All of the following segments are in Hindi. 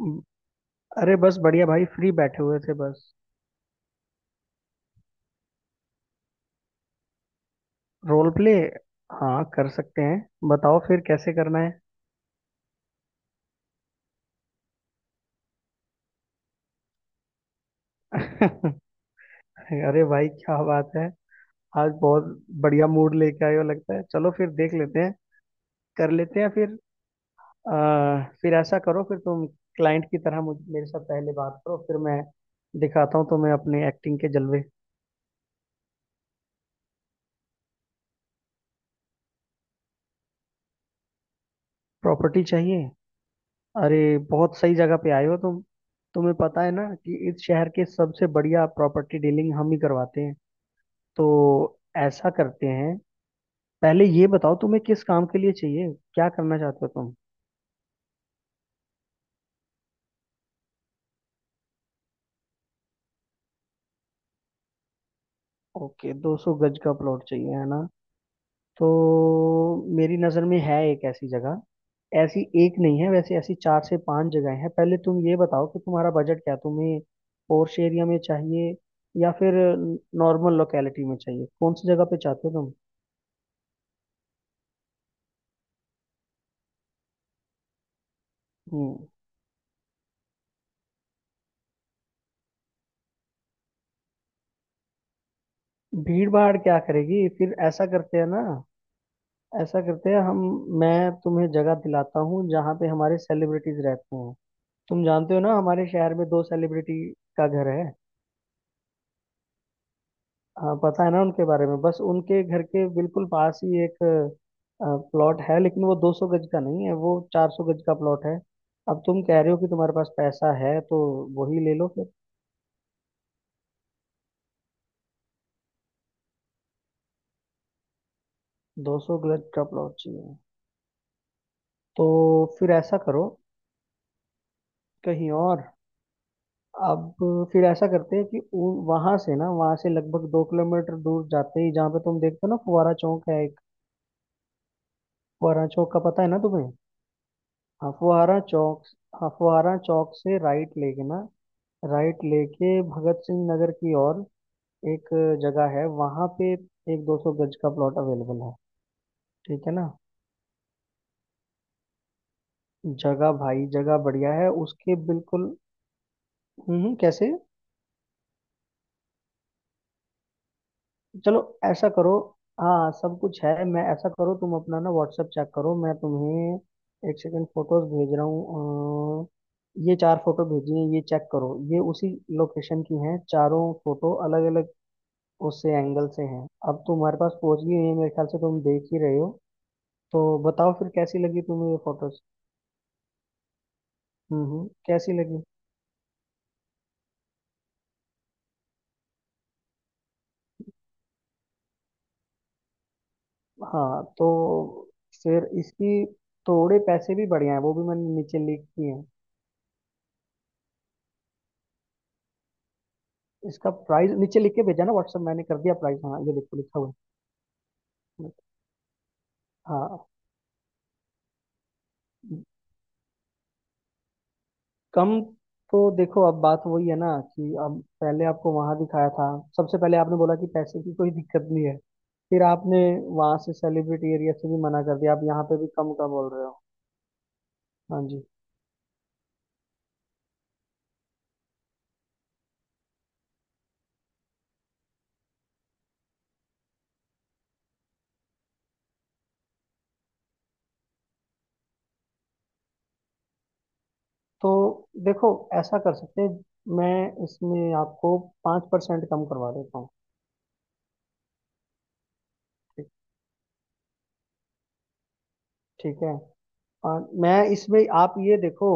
हम्म, अरे बस बढ़िया भाई फ्री बैठे हुए थे बस। Role play. हाँ, कर सकते हैं। बताओ फिर कैसे करना है। अरे भाई क्या बात है। आज बहुत बढ़िया मूड लेके आए हो लगता है। चलो फिर देख लेते हैं। कर लेते हैं फिर। फिर ऐसा करो, फिर तुम क्लाइंट की तरह मुझ मेरे साथ पहले बात करो, फिर मैं दिखाता हूँ तुम्हें अपने एक्टिंग के जलवे। प्रॉपर्टी चाहिए? अरे बहुत सही जगह पे आए हो तुम। तुम्हें पता है ना कि इस शहर के सबसे बढ़िया प्रॉपर्टी डीलिंग हम ही करवाते हैं। तो ऐसा करते हैं, पहले ये बताओ तुम्हें किस काम के लिए चाहिए, क्या करना चाहते हो तुम। ओके, 200 गज का प्लॉट चाहिए, है ना। तो मेरी नज़र में है एक ऐसी जगह। ऐसी एक नहीं है वैसे, ऐसी चार से पांच जगह हैं। पहले तुम ये बताओ कि तुम्हारा बजट क्या है, तुम्हें पोर्श एरिया में चाहिए या फिर नॉर्मल लोकेलिटी में चाहिए, कौन सी जगह पे चाहते हो तुम। हम्म। भीड़ भाड़ क्या करेगी? फिर ऐसा करते हैं ना, ऐसा करते हैं हम। मैं तुम्हें जगह दिलाता हूँ जहाँ पे हमारे सेलिब्रिटीज रहते हैं। तुम जानते हो ना हमारे शहर में दो सेलिब्रिटी का घर है। हाँ, पता है ना उनके बारे में। बस उनके घर के बिल्कुल पास ही एक प्लॉट है, लेकिन वो 200 गज का नहीं है, वो 400 गज का प्लॉट है। अब तुम कह रहे हो कि तुम्हारे पास पैसा है तो वही ले लो फिर। 200 गज का प्लॉट चाहिए। तो फिर ऐसा करो, कहीं और। अब फिर ऐसा करते हैं कि वहां से, ना वहां से लगभग 2 किलोमीटर दूर जाते ही, जहाँ पे तुम देखते हो ना फुहारा चौक है एक। फुहारा चौक का पता है ना तुम्हें। हाँ, फुहारा चौक। हाँ, फुहारा चौक से राइट लेके ना, राइट लेके भगत सिंह नगर की ओर एक जगह है वहां पे। एक 200 गज का प्लॉट अवेलेबल है। ठीक है ना। जगह? भाई जगह बढ़िया है उसके बिल्कुल। कैसे। चलो ऐसा करो। हाँ सब कुछ है। मैं, ऐसा करो तुम अपना ना व्हाट्सएप चेक करो, मैं तुम्हें 1 सेकंड फोटोज भेज रहा हूँ। ये चार फोटो भेजी हैं। ये चेक करो, ये उसी लोकेशन की हैं। चारों फोटो अलग अलग उससे एंगल से हैं। अब तुम्हारे पास पहुंच गई है, मेरे ख्याल से तुम देख ही रहे हो। तो बताओ फिर कैसी लगी तुम्हें ये फोटोज। कैसी लगी। हाँ तो फिर इसकी थोड़े पैसे भी बढ़िया हैं, वो भी मैंने नीचे लिख दिए हैं। इसका प्राइस नीचे लिख के भेजा ना व्हाट्सएप, मैंने कर दिया प्राइस। हाँ ये देखो, लिखा हुआ है। हाँ। कम? तो देखो, अब बात वही है ना, कि अब पहले आपको वहां दिखाया था। सबसे पहले आपने बोला कि पैसे की कोई दिक्कत नहीं है। फिर आपने वहां से सेलिब्रिटी एरिया से भी मना कर दिया, आप यहाँ पे भी कम का बोल रहे हो। हाँ जी। तो देखो, ऐसा कर सकते हैं, मैं इसमें आपको 5% कम करवा देता हूँ। ठीक ठीक है। और मैं इसमें आप ये देखो,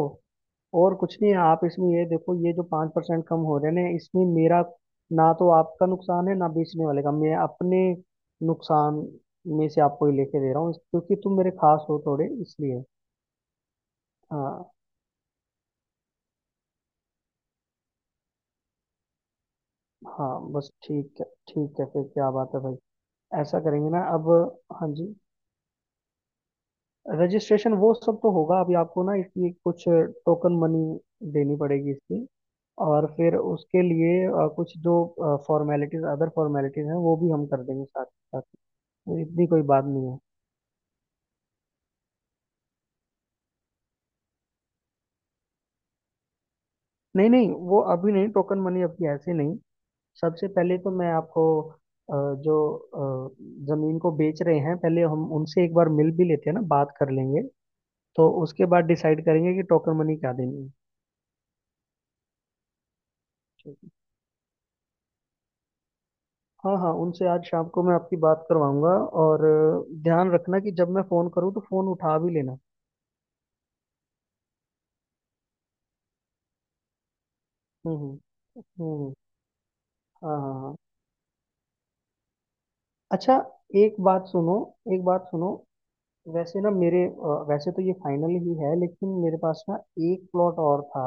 और कुछ नहीं है, आप इसमें ये देखो, ये जो 5% कम हो रहे हैं इसमें मेरा ना तो आपका नुकसान है ना बेचने वाले का। मैं अपने नुकसान में से आपको ही लेके दे रहा हूँ, क्योंकि तुम मेरे खास हो थोड़े, इसलिए। हाँ हाँ बस ठीक है, ठीक है। फिर क्या बात है भाई। ऐसा करेंगे ना अब। हाँ जी, रजिस्ट्रेशन वो सब तो होगा, अभी आपको ना इसकी कुछ टोकन मनी देनी पड़ेगी इसकी। और फिर उसके लिए कुछ जो फॉर्मेलिटीज अदर फॉर्मेलिटीज हैं वो भी हम कर देंगे साथ साथ। तो इतनी कोई बात नहीं है। नहीं नहीं, वो अभी नहीं, टोकन मनी अभी ऐसे नहीं। सबसे पहले तो मैं आपको अ, जो अ, जमीन को बेच रहे हैं पहले हम उनसे एक बार मिल भी लेते हैं ना, बात कर लेंगे। तो उसके बाद डिसाइड करेंगे कि टोकन मनी क्या देनी है। हाँ हाँ, उनसे आज शाम को मैं आपकी बात करवाऊंगा। और ध्यान रखना कि जब मैं फोन करूँ तो फोन उठा भी लेना। हम्म। हाँ हाँ हाँ। अच्छा। एक बात सुनो, एक बात सुनो। वैसे ना मेरे, वैसे तो ये फाइनल ही है, लेकिन मेरे पास ना एक प्लॉट और था।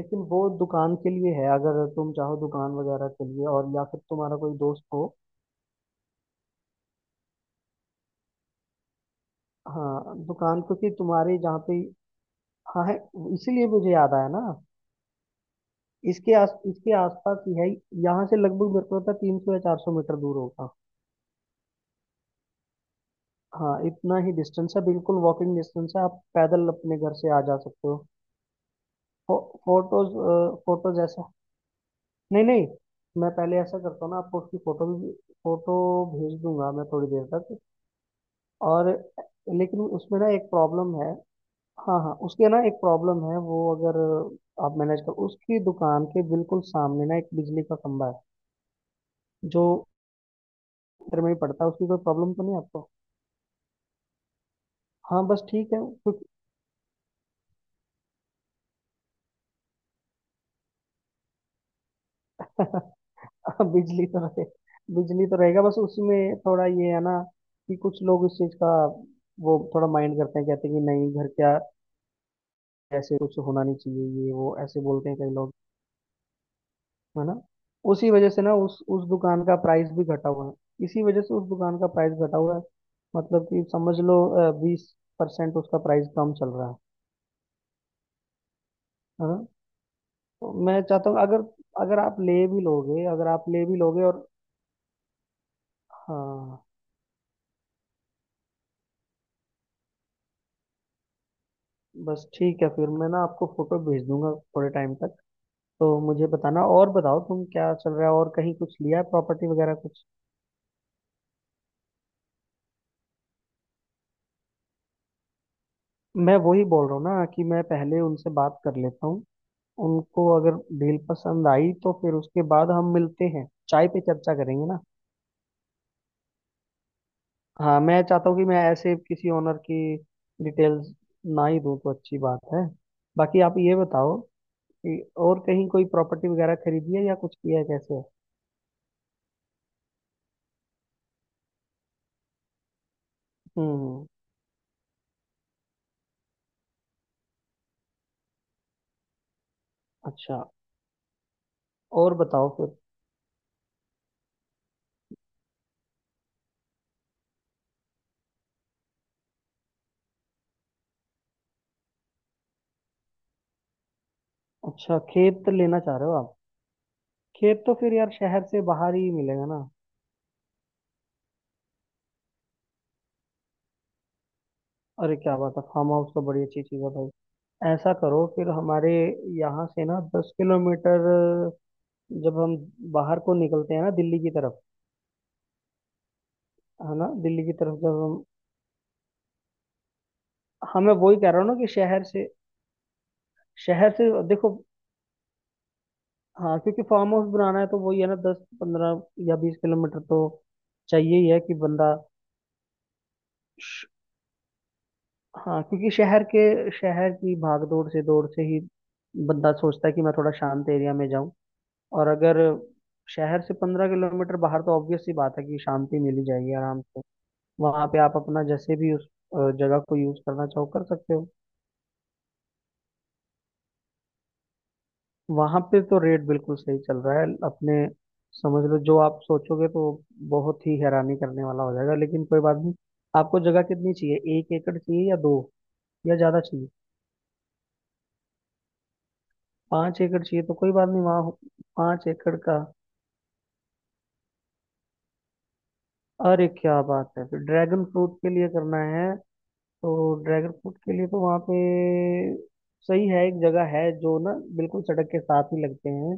लेकिन वो दुकान के लिए है, अगर तुम चाहो दुकान वगैरह के लिए, और या फिर तुम्हारा कोई दोस्त हो। हाँ दुकान, क्योंकि तुम्हारे जहाँ पे। हाँ है, इसीलिए मुझे याद आया ना। इसके आसपास ही है। यहाँ से लगभग मेरे को लगता है 300 या 400 मीटर दूर होगा। हाँ इतना ही डिस्टेंस है, बिल्कुल वॉकिंग डिस्टेंस है, आप पैदल अपने घर से आ जा सकते हो। फो, फोटोज, ऐसा नहीं नहीं। मैं पहले ऐसा करता हूँ ना, आपको उसकी फोटो भी, फोटो भेज दूंगा मैं थोड़ी देर तक। और लेकिन उसमें ना एक प्रॉब्लम है। हाँ हाँ, उसके ना एक प्रॉब्लम है। वो अगर आप मैनेज कर, उसकी दुकान के बिल्कुल सामने ना एक बिजली का खंभा है जो मीटर में ही पड़ता है, उसकी कोई प्रॉब्लम तो नहीं है आपको। हाँ बस ठीक है, क्योंकि बिजली तो रहे बिजली तो रहेगा, बस उसमें थोड़ा ये है ना, कि कुछ लोग इस चीज़ का वो थोड़ा माइंड करते हैं। कहते हैं कि नहीं, घर क्या ऐसे कुछ होना नहीं चाहिए, ये वो ऐसे बोलते हैं कई लोग। है ना, उसी वजह से ना उस दुकान का प्राइस भी घटा हुआ है। इसी वजह से उस दुकान का प्राइस घटा हुआ है। मतलब कि समझ लो, 20% उसका प्राइस कम चल रहा है। है ना। तो मैं चाहता हूँ, अगर, अगर आप ले भी लोगे अगर आप ले भी लोगे और। हाँ बस ठीक है, फिर मैं ना आपको फोटो भेज दूंगा थोड़े टाइम तक। तो मुझे बताना। और बताओ तुम, क्या चल रहा है, और कहीं कुछ लिया है प्रॉपर्टी वगैरह कुछ। मैं वही बोल रहा हूँ ना कि मैं पहले उनसे बात कर लेता हूँ। उनको अगर डील पसंद आई तो फिर उसके बाद हम मिलते हैं, चाय पे चर्चा करेंगे ना। हाँ मैं चाहता हूँ कि मैं ऐसे किसी ओनर की डिटेल्स ना ही दूँ तो अच्छी बात है। बाकी आप ये बताओ कि और कहीं कोई प्रॉपर्टी वगैरह खरीदी है या कुछ किया है, कैसे है। हम्म। अच्छा, और बताओ फिर। अच्छा, खेत लेना चाह रहे हो आप। खेत तो फिर यार शहर से बाहर ही मिलेगा ना। अरे क्या बात है, फार्म हाउस तो बड़ी अच्छी चीज़ है भाई। ऐसा करो फिर हमारे यहाँ से ना 10 किलोमीटर, जब हम बाहर को निकलते हैं ना दिल्ली की तरफ। है ना, दिल्ली की तरफ जब हम, हाँ मैं वही कह रहा हूँ ना, कि शहर से देखो। हाँ क्योंकि फार्म हाउस बनाना है तो वही है ना, 10, 15 या 20 किलोमीटर तो चाहिए ही है कि बंदा। हाँ क्योंकि शहर की भागदौड़ से दौड़ से ही बंदा सोचता है कि मैं थोड़ा शांत एरिया में जाऊं। और अगर शहर से 15 किलोमीटर बाहर, तो ऑब्वियस सी बात है कि शांति मिल ही जाएगी आराम से। वहां पे आप अपना जैसे भी उस जगह को यूज करना चाहो कर सकते हो। वहां पे तो रेट बिल्कुल सही चल रहा है अपने। समझ लो, जो आप सोचोगे तो बहुत ही हैरानी करने वाला हो जाएगा, लेकिन कोई बात नहीं। आपको जगह कितनी चाहिए, 1 एकड़ चाहिए या दो, या ज्यादा चाहिए। 5 एकड़ चाहिए तो कोई बात नहीं, वहाँ 5 एकड़ का। अरे क्या बात है, फिर ड्रैगन फ्रूट के लिए करना है तो ड्रैगन फ्रूट के लिए तो वहाँ पे सही है। एक जगह है जो ना बिल्कुल सड़क के साथ ही लगते हैं,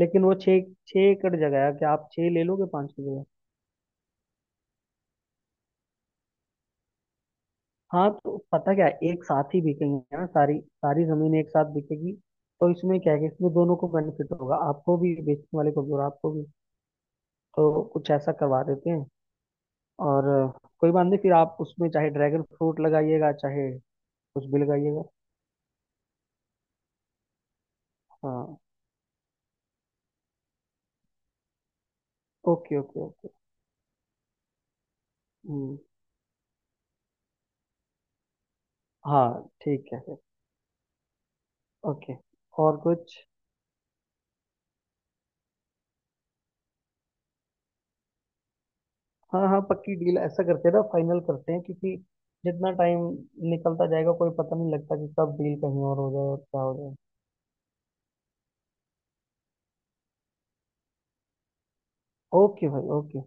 लेकिन वो छः 6 एकड़ जगह है, क्या आप छः ले लोगे 5 की जगह। हाँ तो पता क्या है, एक साथ ही बिकेंगे ना, सारी सारी जमीन एक साथ बिकेगी। तो इसमें क्या है कि इसमें दोनों को बेनिफिट होगा, आपको भी, बेचने वाले को भी, और आपको भी। तो कुछ ऐसा करवा देते हैं। और कोई बात नहीं, फिर आप उसमें चाहे ड्रैगन फ्रूट लगाइएगा चाहे कुछ भी लगाइएगा। हाँ। Okay okay okay. हम्म। हाँ ठीक है फिर। ओके, और कुछ। हाँ हाँ पक्की डील, ऐसा करते हैं ना, फाइनल करते हैं। क्योंकि जितना टाइम निकलता जाएगा कोई पता नहीं लगता कि कब डील कहीं और हो जाए और क्या हो जाए। ओके भाई ओके।